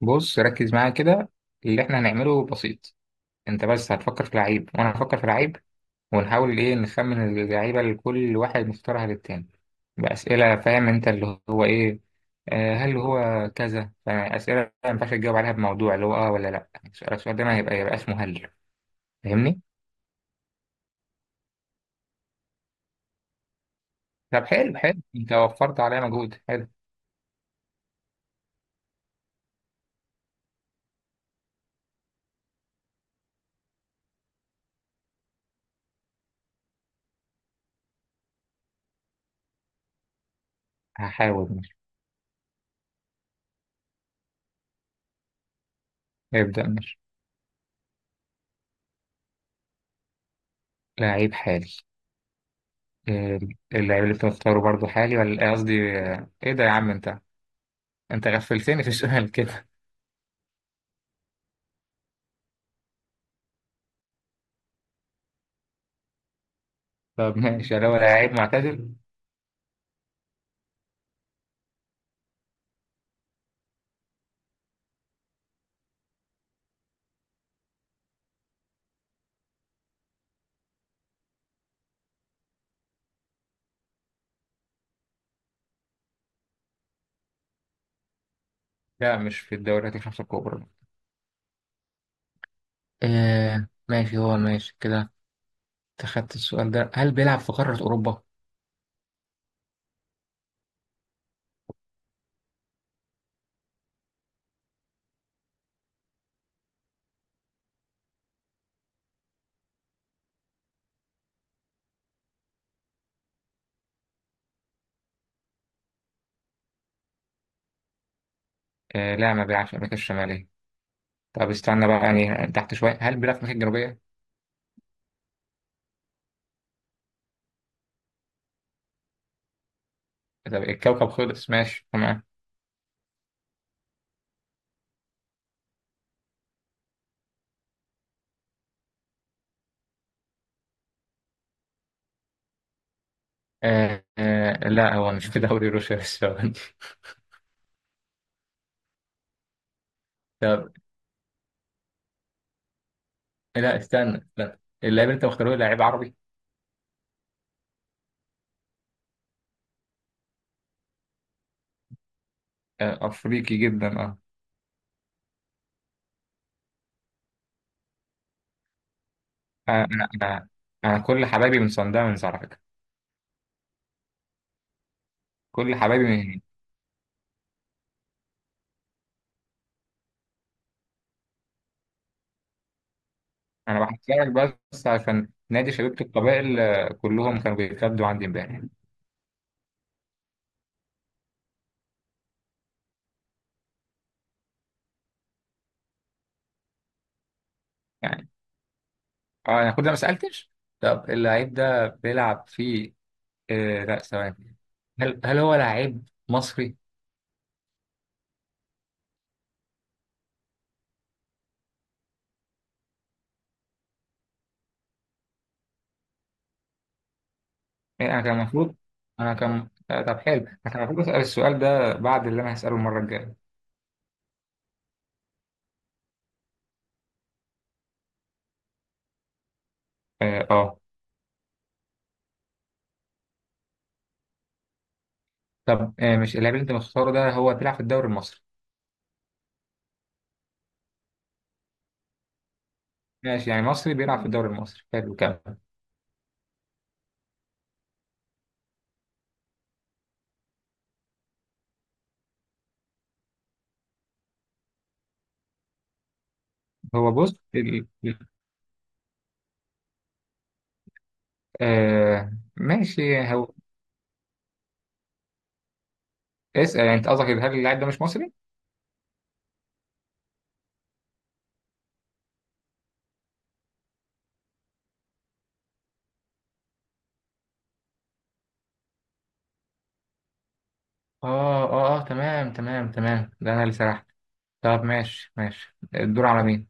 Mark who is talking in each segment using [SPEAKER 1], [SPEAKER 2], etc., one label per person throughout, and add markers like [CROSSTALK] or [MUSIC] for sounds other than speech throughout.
[SPEAKER 1] بص ركز معايا كده. اللي احنا هنعمله بسيط. انت بس هتفكر في لعيب وانا هفكر في لعيب، ونحاول ايه نخمن اللعيبه اللي كل واحد مختارها للتاني باسئله. فاهم انت اللي هو ايه؟ آه، هل هو كذا، يعني اسئله ما ينفعش تجاوب عليها بموضوع، اللي هو ولا لا، السؤال ده ما هيبقى يبقى اسمه هل. فاهمني؟ طب حلو حلو، انت وفرت عليا مجهود حلو. هحاول، ماشي. ابدا ماشي. لعيب حالي. آه، اللعيب اللي انت مختاره برضه حالي ولا قصدي ايه ده يا عم انت؟ انت غفلتني في [LAUGHS] السؤال كده. طب ماشي، لو لعيب معتزل. لا، مش في الدوريات الخمسة الكبرى. ماشي، هو ماشي كده. اتخذت السؤال ده، هل بيلعب في قارة أوروبا؟ لا، ما بيلعبش في أمريكا الشمالية. طب استنى بقى يعني تحت شوية، هل بيلعب في أمريكا الجنوبية؟ طب الكوكب خلص، ماشي تمام. لا، هو مش في دوري روسيا السعودي [LAUGHS] طب لا، استنى لا، اللاعب اللي انت مختاره لعيب عربي. أفريقي جدا آه، أنا أنا أنا كل حبايبي من صن داونز على فكرة. كل حبايبي. انا بحكي لك، بس عشان نادي شبيبة القبائل كلهم كانوا بيتكلموا عندي امبارح. يعني اه انا كنت ما سالتش. طب اللعيب ده بيلعب في لا، ثواني. هل هو لعيب مصري؟ يعني انا كان المفروض، انا كان طب حلو، انا كان المفروض اسال السؤال ده بعد اللي انا هساله المره الجايه. اه آه. طب مش اللاعب اللي انت مختاره ده هو بيلعب في الدوري المصري. ماشي، يعني مصري بيلعب في الدوري المصري، حلو، كمل. هو بص ماشي هو. اسأل، يعني انت قصدك هل اللاعب ده مش مصري؟ اه تمام تمام تمام، ده انا اللي سرحت. طب ماشي ماشي، الدور على مين؟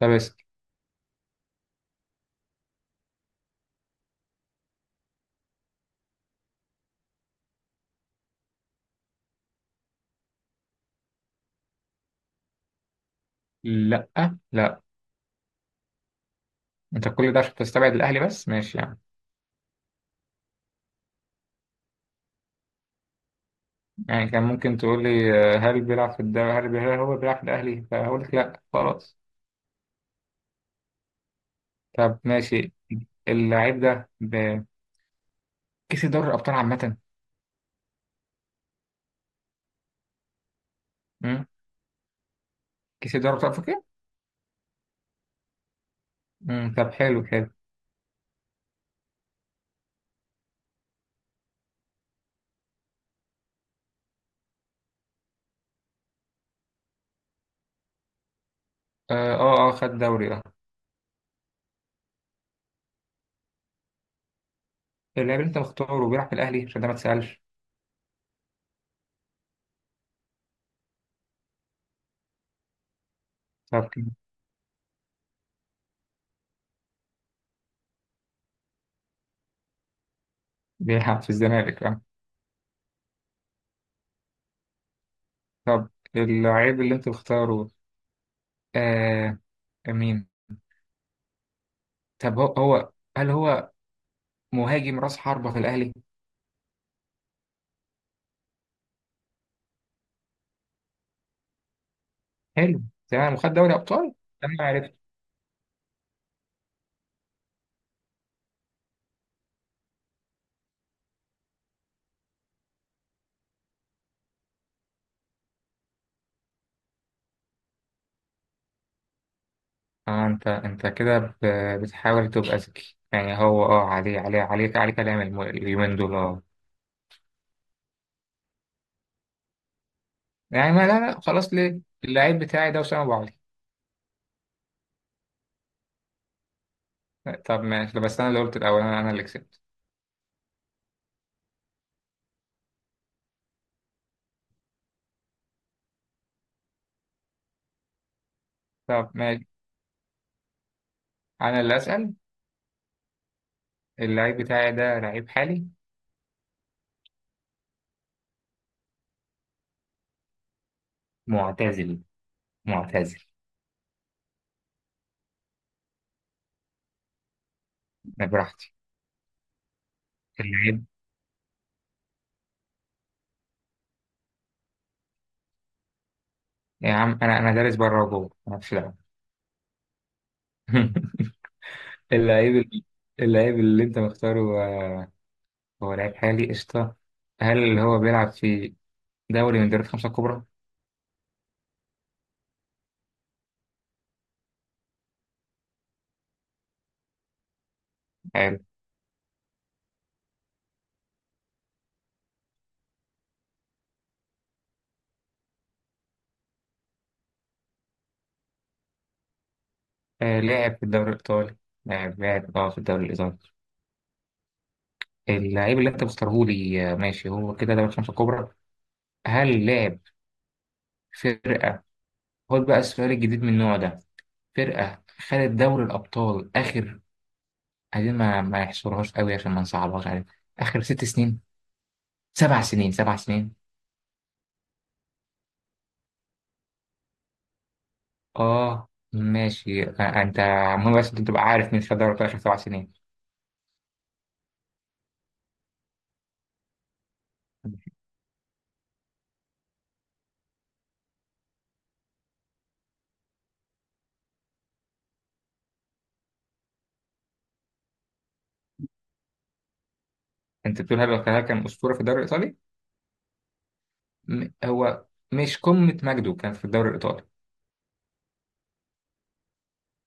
[SPEAKER 1] طب اسأل. لا، لا، انت كل ده عشان تستبعد الاهلي، بس ماشي يعني. يعني كان ممكن تقول لي هل بيلعب في الدوري، هل هو بيلعب في الاهلي، فهقول لك لا، خلاص. طب ماشي، اللاعب ده كسب دوري الابطال عامة. مم؟ كسب دوري ابطال افريقيا؟ مم، طب حلو حلو. خد دوري اللاعب اللي انت مختاره بيلعب في الاهلي، عشان ده ما تسألش. طب كده بيلعب في الزمالك طب اللعيب اللي انت بتختاره، آه مين؟ طب هو، هل هو مهاجم راس حربة في الاهلي؟ حلو، تمام، وخد دوري ابطال. انا عرفت. اه انت كده بتحاول تبقى ذكي. يعني هو عليه كلام اليومين دول يعني ما لا لا، خلاص، ليه؟ اللعيب بتاعي ده وسام ابو علي. طب ماشي، ده بس انا اللي قلت الاول، انا اللي كسبت. طب ماشي، انا اللي اسال. اللعيب بتاعي ده لعيب حالي. معتزل، معتزل. براحتي. اللعيب، يا عم انا دارس بره وجوه، انا في دعوه. [LAUGHS] اللعيب ال- اللعيب اللي انت مختاره، هو لعيب حالي، قشطه. هل اللي هو بيلعب في دوري من دوري الخمسه الكبرى؟ حلو. لاعب في الدوري الايطالي. لاعب في الدوري الايطالي. اللعيب اللي انت مختاره لي ماشي، هو كده دوري الخمسه الكبرى. هل لاعب فرقه، خد بقى السؤال الجديد من النوع ده. فرقه خدت دوري الابطال اخر، عايزين ما يحصرهاش قوي عشان ما نصعبهاش عليك. اخر ست سنين سبع سنين 7 سنين. اه ماشي انت. مهم بس انت تبقى عارف مين خد دوري الابطال اخر 7 سنين. انت بتقول هل الخلايا كان اسطوره في الدوري الايطالي؟ هو مش قمه مجده كان في الدوري الايطالي،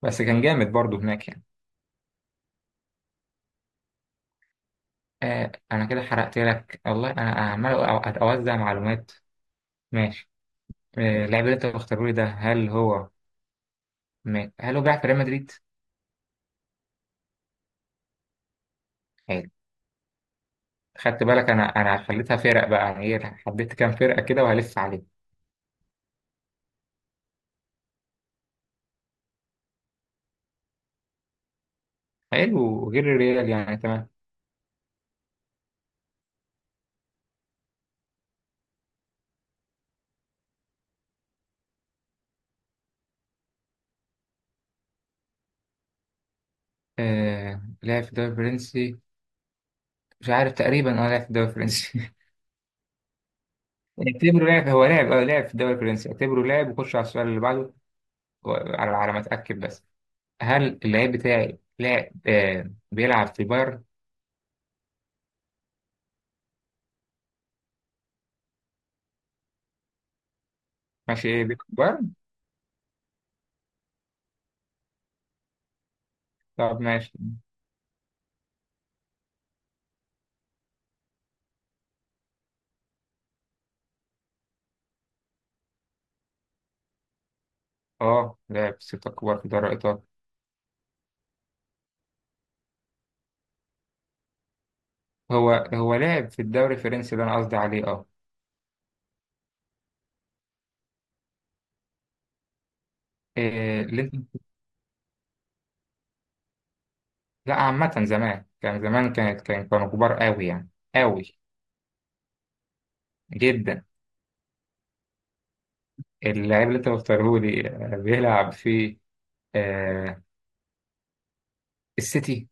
[SPEAKER 1] بس كان جامد برضه هناك يعني. آه، انا كده حرقت لك، والله انا عمال اوزع معلومات. ماشي. اللاعب اللي انت مختاره لي ده، هل هو هل هو بيلعب في ريال مدريد؟ حلو. خدت بالك انا خليتها فرق بقى، يعني ايه، حددت كام فرقه كده وهلف عليه. حلو، غير الريال يعني، تمام. لعب في الدوري الفرنسي، مش عارف، تقريبا لعب في الدوري الفرنسي [LAUGHS] اعتبره لعب، هو لعب، لعب في الدوري الفرنسي، اعتبره لعب وخش على السؤال اللي بعده. على ما اتاكد بس. هل اللعيب بتاعي لاعب بيلعب في بايرن؟ ماشي، ايه، بيلعب في بايرن. طب ماشي. اه لعب في 6 كبار في دوري ايطاليا. هو لعب في الدوري الفرنسي، ده انا قصدي عليه إيه، اللي انت. لا، عامة زمان، كان زمان كانت كان كانوا كبار قوي يعني، قوي جدا. اللعيب اللي انت مختاره لي بيلعب في آه السيتي.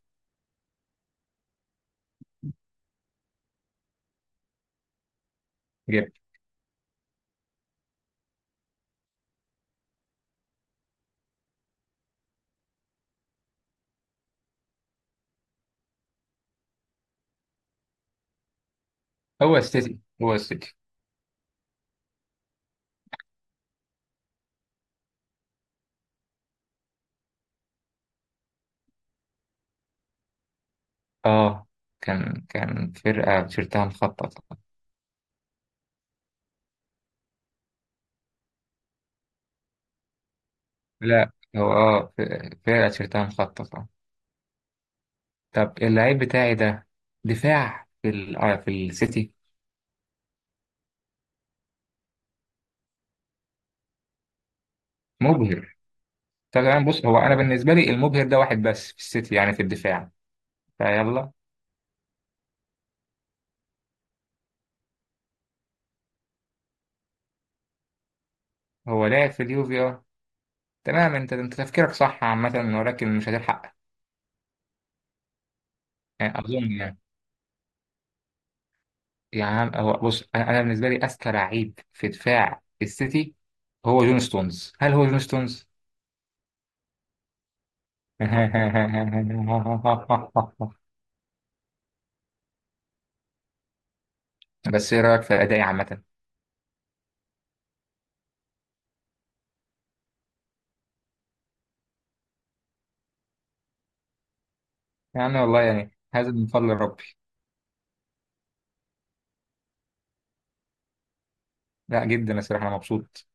[SPEAKER 1] هو السيتي، هو السيتي. اه كان فرقة تيشيرتها مخططة. لا هو، فرقة تيشيرتها مخططة. طب اللعيب بتاعي ده دفاع في ال آه في السيتي. مبهر. طب انا بص، هو انا بالنسبة لي المبهر ده واحد بس في السيتي، يعني في الدفاع. فيلا. هو لعب في اليوفي تمام، انت تفكيرك صح عامة، ولكن مش هتلحق. يعني اظن يعني. يعني هو بص، انا، بالنسبة لي اذكى لعيب في دفاع السيتي هو جون ستونز. هل هو جون ستونز؟ [LAUGHS] بس ايه رايك في ادائي عامه؟ يعني والله، يعني هذا من فضل ربي. لا جدا، الصراحه انا مبسوط.